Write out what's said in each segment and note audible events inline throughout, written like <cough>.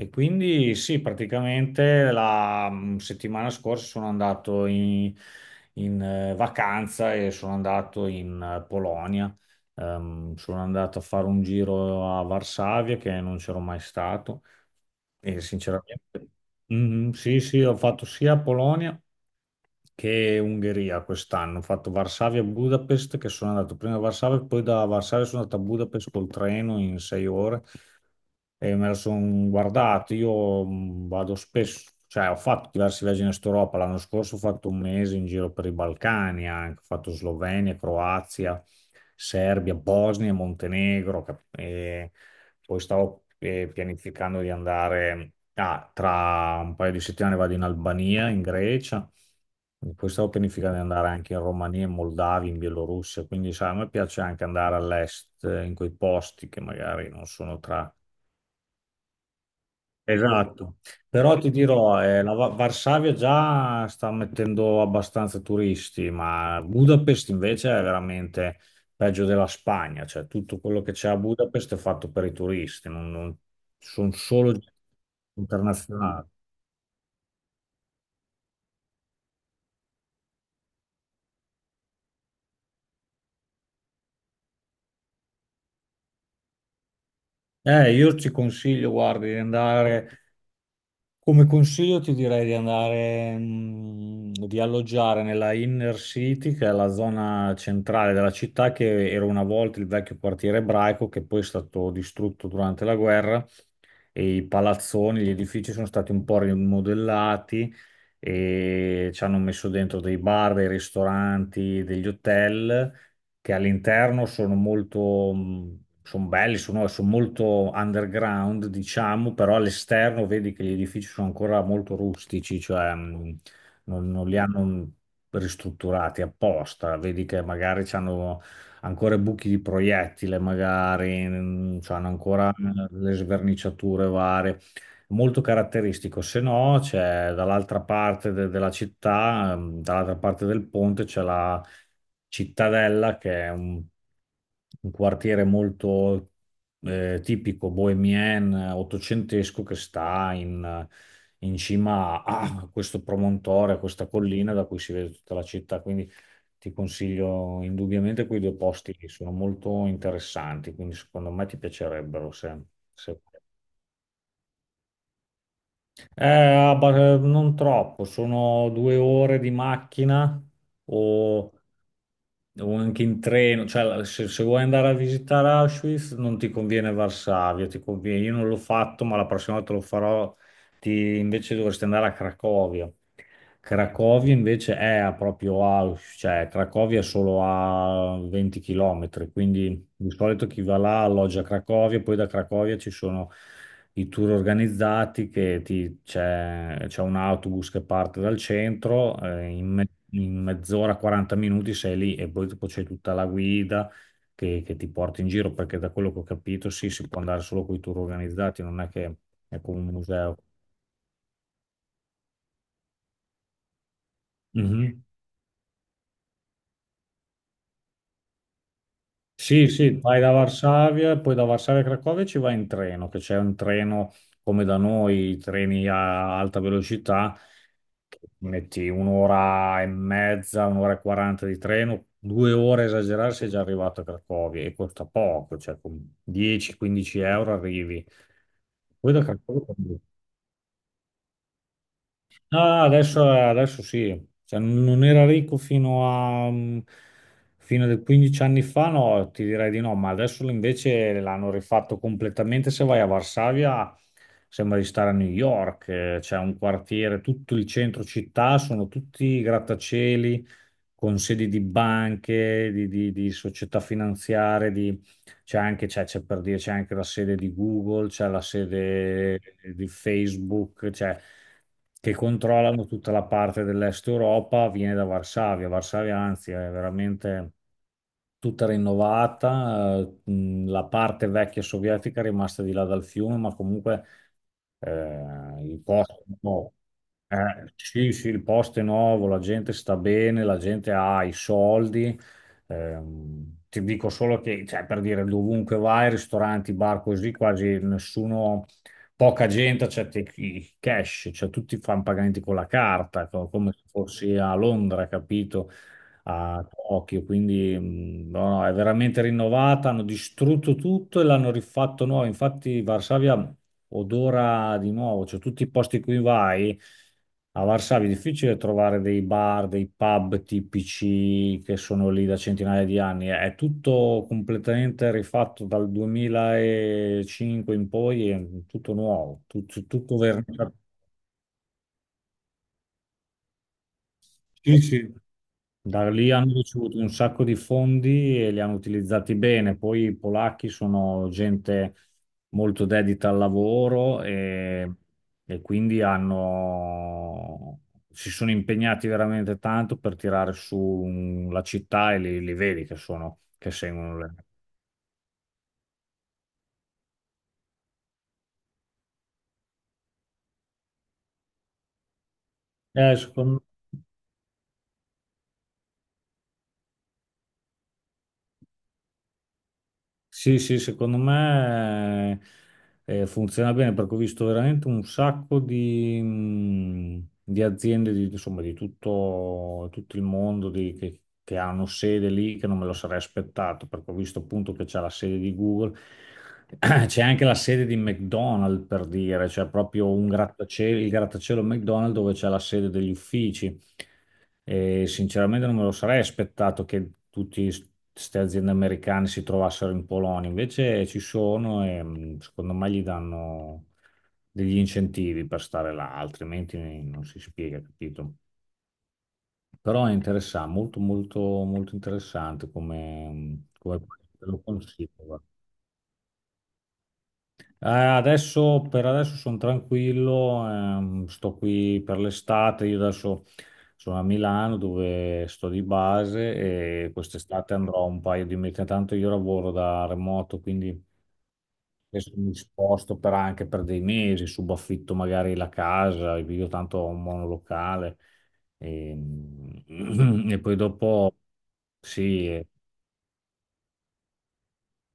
E quindi sì, praticamente la settimana scorsa sono andato in vacanza e sono andato in Polonia. Sono andato a fare un giro a Varsavia che non c'ero mai stato e sinceramente. Mm, sì, sì, ho fatto sia Polonia che Ungheria quest'anno. Ho fatto Varsavia e Budapest, che sono andato prima a Varsavia, poi da Varsavia sono andato a Budapest col treno in 6 ore e me lo sono guardato. Io vado spesso, cioè ho fatto diversi viaggi in Est Europa. L'anno scorso ho fatto un mese in giro per i Balcani, anche. Ho fatto Slovenia, Croazia, Serbia, Bosnia, Montenegro. E poi stavo pianificando di andare, tra un paio di settimane vado in Albania, in Grecia. E poi stavo pianificando di andare anche in Romania, in Moldavia, in Bielorussia, quindi sai, a me piace anche andare all'est, in quei posti che magari non sono tra. Esatto, però ti dirò, la Varsavia già sta mettendo abbastanza turisti, ma Budapest invece è veramente peggio della Spagna, cioè tutto quello che c'è a Budapest è fatto per i turisti, sono solo internazionali. Io ci consiglio, guardi, di andare. Come consiglio ti direi di andare, di alloggiare nella Inner City, che è la zona centrale della città, che era una volta il vecchio quartiere ebraico, che poi è stato distrutto durante la guerra e i palazzoni, gli edifici sono stati un po' rimodellati e ci hanno messo dentro dei bar, dei ristoranti, degli hotel che all'interno sono molto, sono belli, sono molto underground, diciamo, però all'esterno vedi che gli edifici sono ancora molto rustici, cioè non li hanno ristrutturati apposta, vedi che magari ci hanno ancora buchi di proiettile magari, cioè hanno ancora le sverniciature varie. Molto caratteristico, se no c'è dall'altra parte della città, dall'altra parte del ponte c'è la cittadella che è un quartiere molto tipico bohemien, ottocentesco che sta in cima a questo promontorio, a questa collina da cui si vede tutta la città, quindi ti consiglio indubbiamente quei due posti lì, sono molto interessanti, quindi secondo me ti piacerebbero se- non troppo, sono 2 ore di macchina o, o anche in treno, cioè se vuoi andare a visitare Auschwitz non ti conviene Varsavia, ti conviene, io non l'ho fatto ma la prossima volta lo farò, invece dovresti andare a Cracovia. Cracovia invece è a proprio a, cioè Cracovia è solo a 20 km, quindi di solito chi va là alloggia a Cracovia, poi da Cracovia ci sono i tour organizzati che c'è un autobus che parte dal centro, in mezz'ora, 40 minuti sei lì e poi dopo c'è tutta la guida che ti porta in giro, perché da quello che ho capito sì, si può andare solo con i tour organizzati, non è che è come un museo. Mhm. Sì, sì, vai da Varsavia, poi da Varsavia a Cracovia ci vai in treno, che c'è un treno come da noi, i treni a alta velocità, che ti metti un'ora e mezza, un'ora e quaranta di treno, 2 ore a esagerare sei già arrivato a Cracovia e costa poco, cioè con 10-15 euro arrivi. Poi da Cracovia. Ah, adesso, adesso sì, cioè, non era ricco fino a 15 anni fa, no, ti direi di no, ma adesso invece l'hanno rifatto completamente. Se vai a Varsavia sembra di stare a New York, c'è un quartiere, tutto il centro città, sono tutti grattacieli con sedi di banche, di società finanziarie, di c'è anche, c'è per dire, c'è anche la sede di Google, c'è la sede di Facebook, cioè, che controllano tutta la parte dell'Est Europa, viene da Varsavia. Varsavia, anzi, è veramente tutta rinnovata. La parte vecchia sovietica è rimasta di là dal fiume, ma comunque il posto è nuovo. Sì, sì, il posto è nuovo, la gente sta bene, la gente ha i soldi. Ti dico solo che, cioè, per dire, dovunque vai, ristoranti, bar, così, quasi nessuno, poca gente accetta i cash, cioè tutti fanno pagamenti con la carta, come se fossi a Londra, capito? A Tokyo, quindi no, no, è veramente rinnovata, hanno distrutto tutto e l'hanno rifatto nuovo. Infatti Varsavia odora di nuovo, cioè tutti i posti in cui vai a Varsavia è difficile trovare dei bar, dei pub tipici che sono lì da centinaia di anni, è tutto completamente rifatto dal 2005 in poi, è tutto nuovo, tutto, tutto vernicato. Sì, sì. Da lì hanno ricevuto un sacco di fondi e li hanno utilizzati bene. Poi i polacchi sono gente molto dedita al lavoro e quindi hanno, si sono impegnati veramente tanto per tirare su la città e li vedi che seguono le. Secondo me. Sì, sì, secondo me funziona bene perché ho visto veramente un sacco di aziende di, insomma, di tutto, tutto il mondo che hanno sede lì che non me lo sarei aspettato perché ho visto appunto che c'è la sede di Google, <clears throat> c'è anche la sede di McDonald's per dire, c'è proprio un grattacielo, il grattacielo McDonald's dove c'è la sede degli uffici. E sinceramente non me lo sarei aspettato che tutte queste aziende americane si trovassero in Polonia, invece ci sono e secondo me gli danno degli incentivi per stare là, altrimenti non si spiega, capito? Però è interessante, molto molto molto interessante come paese, te lo consiglio. Guarda. Adesso, per adesso sono tranquillo, sto qui per l'estate, io adesso sono a Milano dove sto di base e quest'estate andrò un paio di mesi, tanto io lavoro da remoto, quindi adesso mi sposto per anche per dei mesi, subaffitto magari la casa, io tanto ho un monolocale e, <clears throat> e poi dopo sì,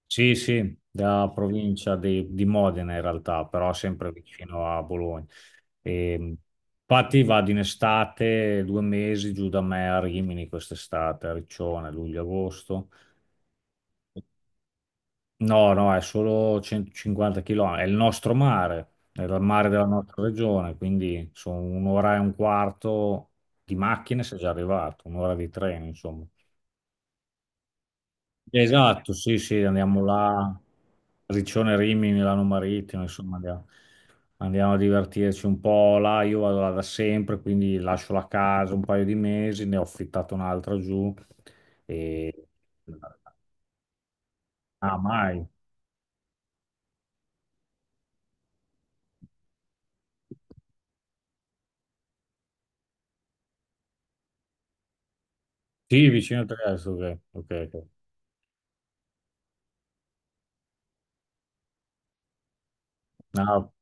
sì, sì, da provincia di Modena in realtà, però sempre vicino a Bologna. E, infatti vado in estate, 2 mesi giù da me a Rimini quest'estate, a Riccione, luglio-agosto. No, no, è solo 150 km, è il nostro mare, è il mare della nostra regione, quindi sono un'ora e un quarto di macchine sei già arrivato, un'ora di treno, insomma. Esatto, sì, sì, andiamo là, Riccione, Rimini, Milano Marittimo, insomma, andiamo a divertirci un po' là, io vado là da sempre, quindi lascio la casa un paio di mesi, ne ho affittato un'altra giù, e... Ah, mai? Sì, vicino a Trieste, ok, ok, ok. No,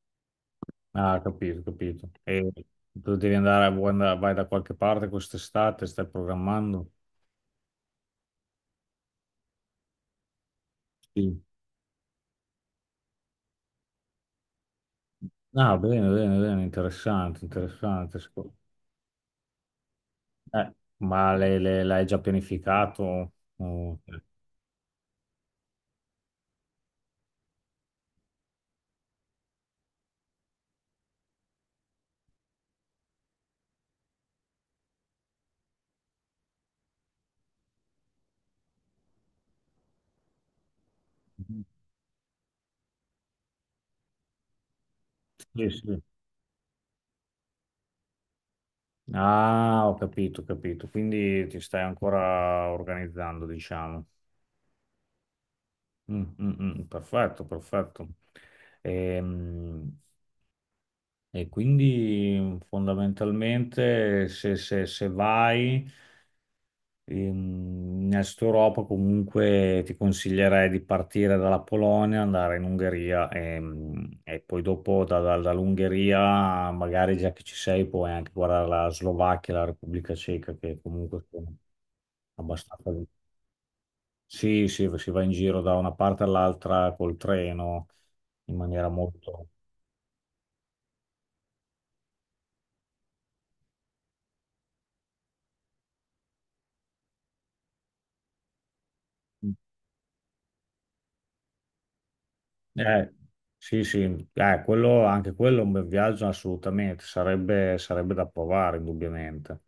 ah, capito, capito. E tu devi andare, vai da qualche parte quest'estate, stai programmando? Sì. Ah, bene, bene, bene, interessante, interessante. Ma l'hai già pianificato? Oh, sì, sì. Ah, ho capito, ho capito. Quindi ti stai ancora organizzando, diciamo. Mm, mm, mm, perfetto, perfetto. Ehm, quindi fondamentalmente se vai. In Est Europa comunque ti consiglierei di partire dalla Polonia, andare in Ungheria e poi dopo dall'Ungheria, magari già che ci sei, puoi anche guardare la Slovacchia, la Repubblica Ceca, che comunque sono abbastanza. Sì, sì, si va in giro da una parte all'altra col treno in maniera molto. Eh, sì, sì, anche quello è un bel viaggio assolutamente, sarebbe da provare indubbiamente.